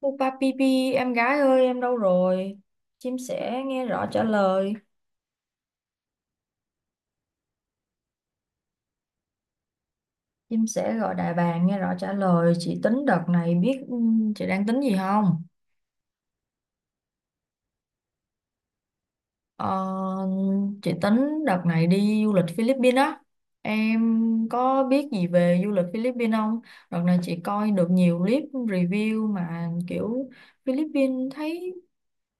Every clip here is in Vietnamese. Pupa Pipi, em gái ơi, em đâu rồi? Chim sẻ nghe rõ trả lời. Chim sẻ gọi đại bàng nghe rõ trả lời. Chị tính đợt này biết chị đang tính gì không? Ờ, chị tính đợt này đi du lịch Philippines á. Em có biết gì về du lịch Philippines không? Đợt này chị coi được nhiều clip review mà kiểu Philippines thấy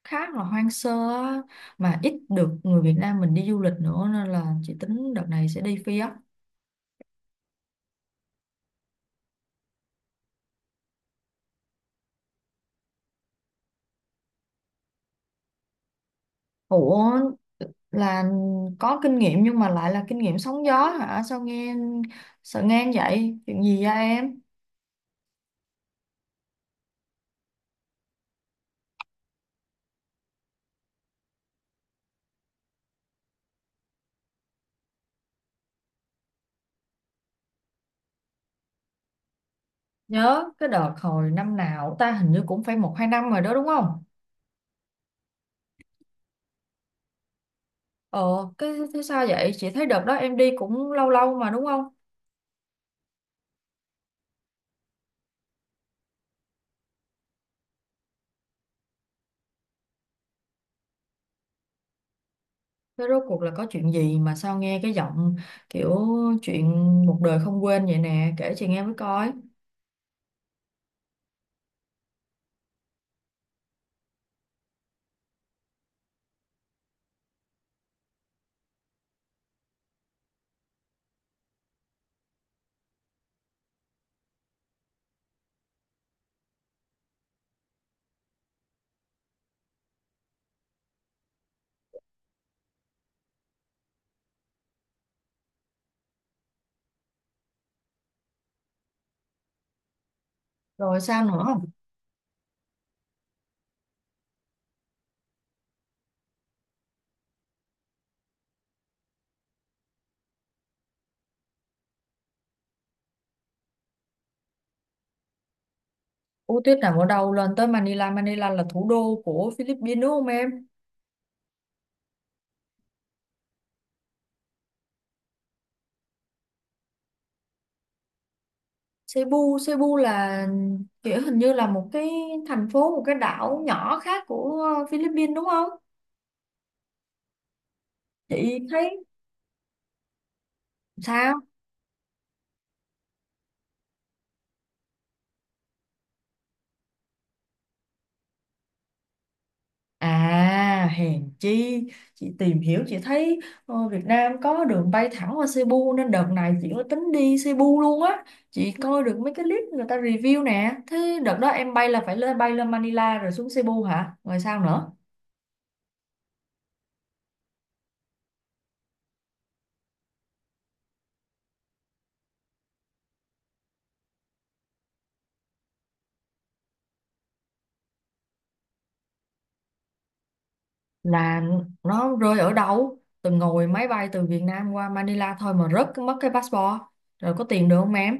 khá là hoang sơ á, mà ít được người Việt Nam mình đi du lịch nữa nên là chị tính đợt này sẽ đi Phi á. Ủa, là có kinh nghiệm nhưng mà lại là kinh nghiệm sóng gió hả? Sao nghe sợ nghe vậy, chuyện gì vậy em? Nhớ cái đợt hồi năm nào ta, hình như cũng phải một hai năm rồi đó đúng không? ờ cái thế sao vậy, chị thấy đợt đó em đi cũng lâu lâu mà đúng không? Thế rốt cuộc là có chuyện gì mà sao nghe cái giọng kiểu chuyện một đời không quên vậy nè, kể chị nghe mới coi. Rồi sao nữa? Ú tuyết nằm ở đâu, lên tới Manila. Manila là thủ đô của Philippines đúng không em? Cebu, Cebu là kiểu hình như là một cái thành phố, một cái đảo nhỏ khác của Philippines đúng không? Chị thấy sao? À, hèn chi, chị tìm hiểu chị thấy Việt Nam có đường bay thẳng qua Cebu nên đợt này chị có tính đi Cebu luôn á. Chị coi được mấy cái clip người ta review nè. Thế đợt đó em bay là phải lên, bay lên Manila rồi xuống Cebu hả? Rồi sao nữa? Là nó rơi ở đâu, từng ngồi máy bay từ Việt Nam qua Manila thôi mà rớt mất cái passport? Rồi có tìm được không em?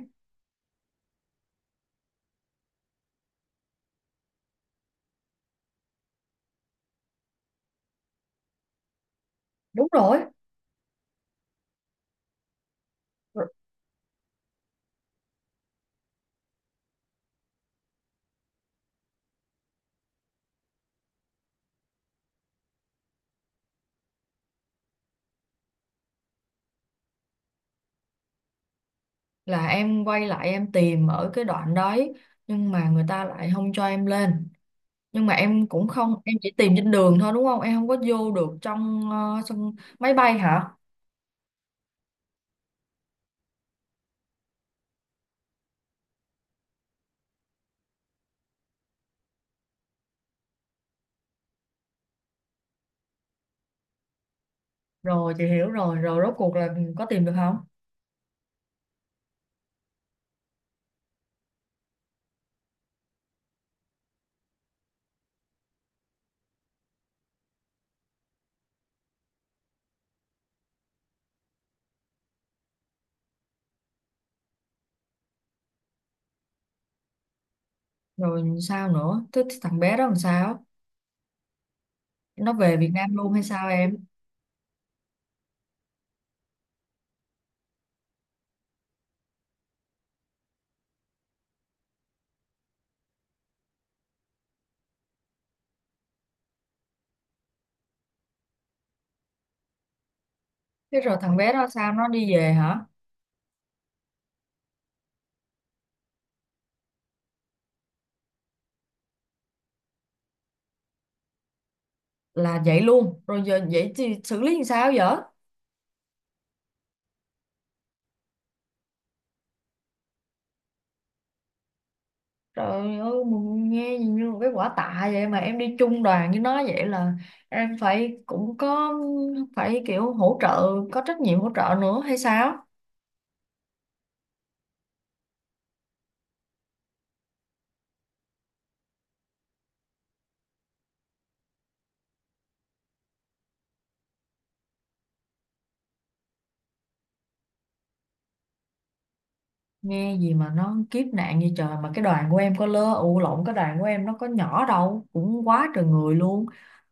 Đúng rồi. Là em quay lại em tìm ở cái đoạn đấy nhưng mà người ta lại không cho em lên. Nhưng mà em cũng không, em chỉ tìm trên đường thôi đúng không, em không có vô được trong sân máy bay hả? Rồi chị hiểu rồi. Rồi rốt cuộc là có tìm được không? Rồi sao nữa, thế thằng bé đó làm sao, nó về Việt Nam luôn hay sao em? Thế rồi thằng bé đó sao, nó đi về hả? Là vậy luôn rồi, giờ vậy thì xử lý làm sao vậy? Trời ơi mà nghe gì như một cái quả tạ vậy. Mà em đi chung đoàn với nó vậy là em phải cũng có, phải kiểu hỗ trợ, có trách nhiệm hỗ trợ nữa hay sao? Nghe gì mà nó kiếp nạn như trời. Mà cái đoàn của em nó có nhỏ đâu, cũng quá trời người luôn,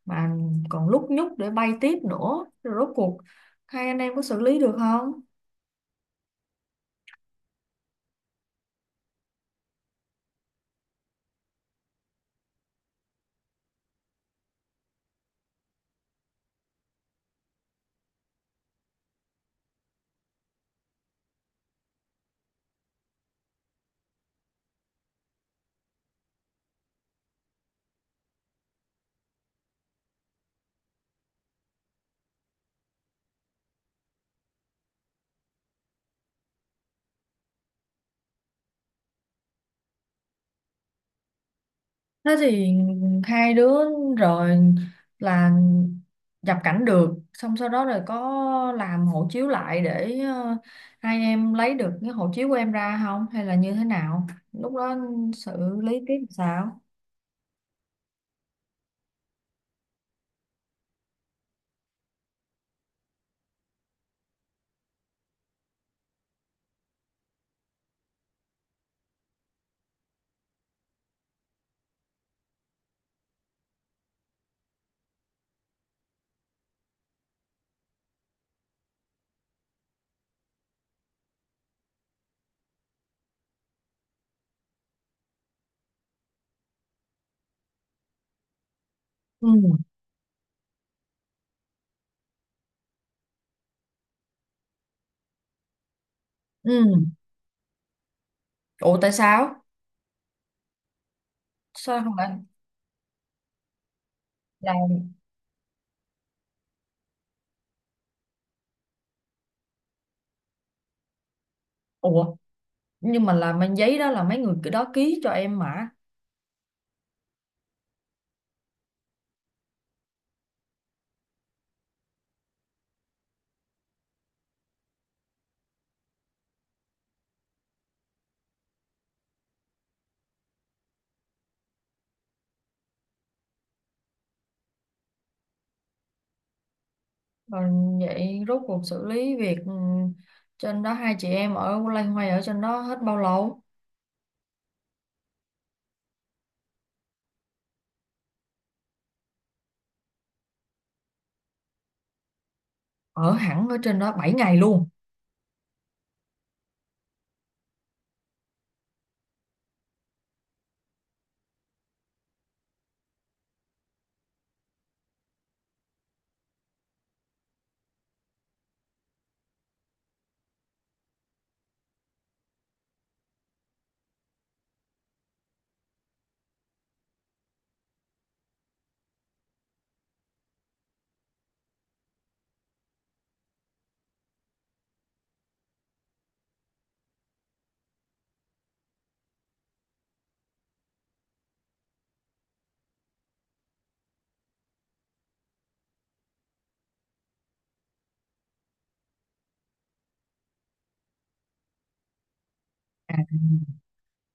mà còn lúc nhúc để bay tiếp nữa. Rồi rốt cuộc hai anh em có xử lý được không? Thế thì hai đứa rồi là nhập cảnh được, xong sau đó rồi có làm hộ chiếu lại để hai em lấy được cái hộ chiếu của em ra không hay là như thế nào lúc đó, xử lý tiếp sao? Ừ. Ừ. Ủa tại sao, sao không phải là? Ủa, nhưng mà là mang giấy đó là mấy người cái đó ký cho em mà? Còn vậy rốt cuộc xử lý việc trên đó, hai chị em ở loay hoay ở trên đó hết bao lâu? Ở hẳn ở trên đó 7 ngày luôn? À,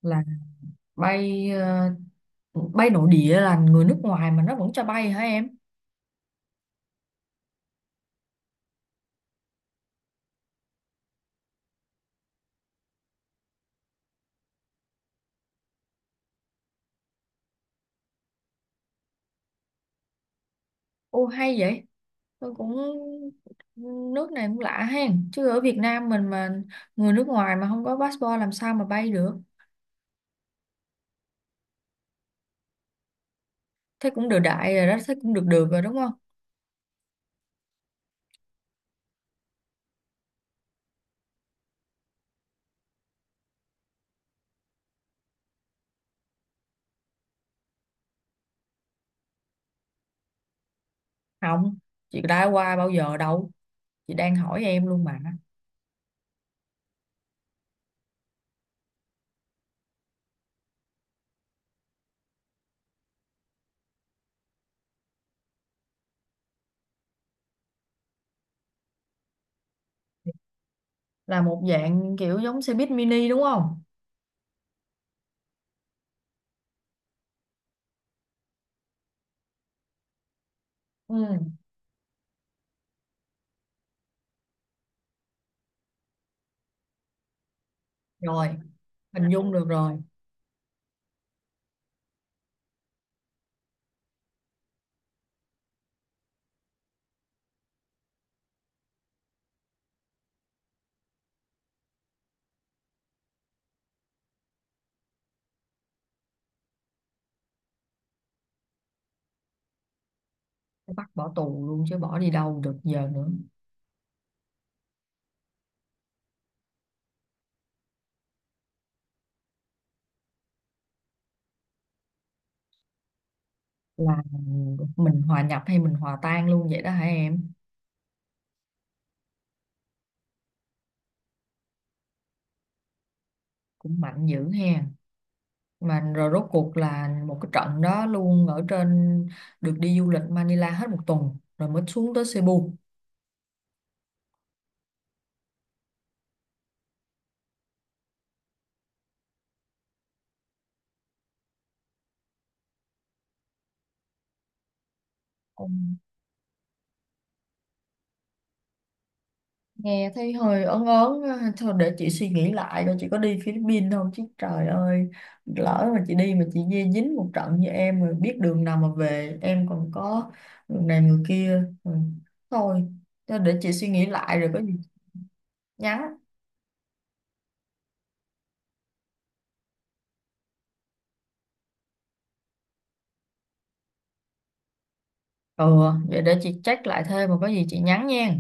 là bay bay nội địa là người nước ngoài mà nó vẫn cho bay hả em? Ô hay vậy. Tôi cũng, nước này cũng lạ hen, chứ ở Việt Nam mình mà người nước ngoài mà không có passport làm sao mà bay được. Thế cũng được đại rồi đó, thế cũng được được rồi đúng không? Không, chị đã qua bao giờ đâu, chị đang hỏi em luôn mà. Là một dạng kiểu giống xe buýt mini đúng không? Ừ, rồi hình dung được rồi. Bắt bỏ tù luôn chứ bỏ đi đâu được giờ nữa. Là mình hòa nhập hay mình hòa tan luôn vậy đó hả em? Cũng mạnh dữ ha. Mà rồi rốt cuộc là một cái trận đó luôn ở trên. Được đi du lịch Manila hết một tuần rồi mới xuống tới Cebu? Nghe thấy hơi ớn ớn á. Thôi để chị suy nghĩ lại coi chị có đi Philippines không chứ, trời ơi, lỡ mà chị đi mà chị dê dính một trận như em rồi biết đường nào mà về, em còn có người này người kia. Ừ. Thôi, thôi để chị suy nghĩ lại rồi có gì nhắn. Ừ, vậy để chị check lại thêm mà có gì chị nhắn nha.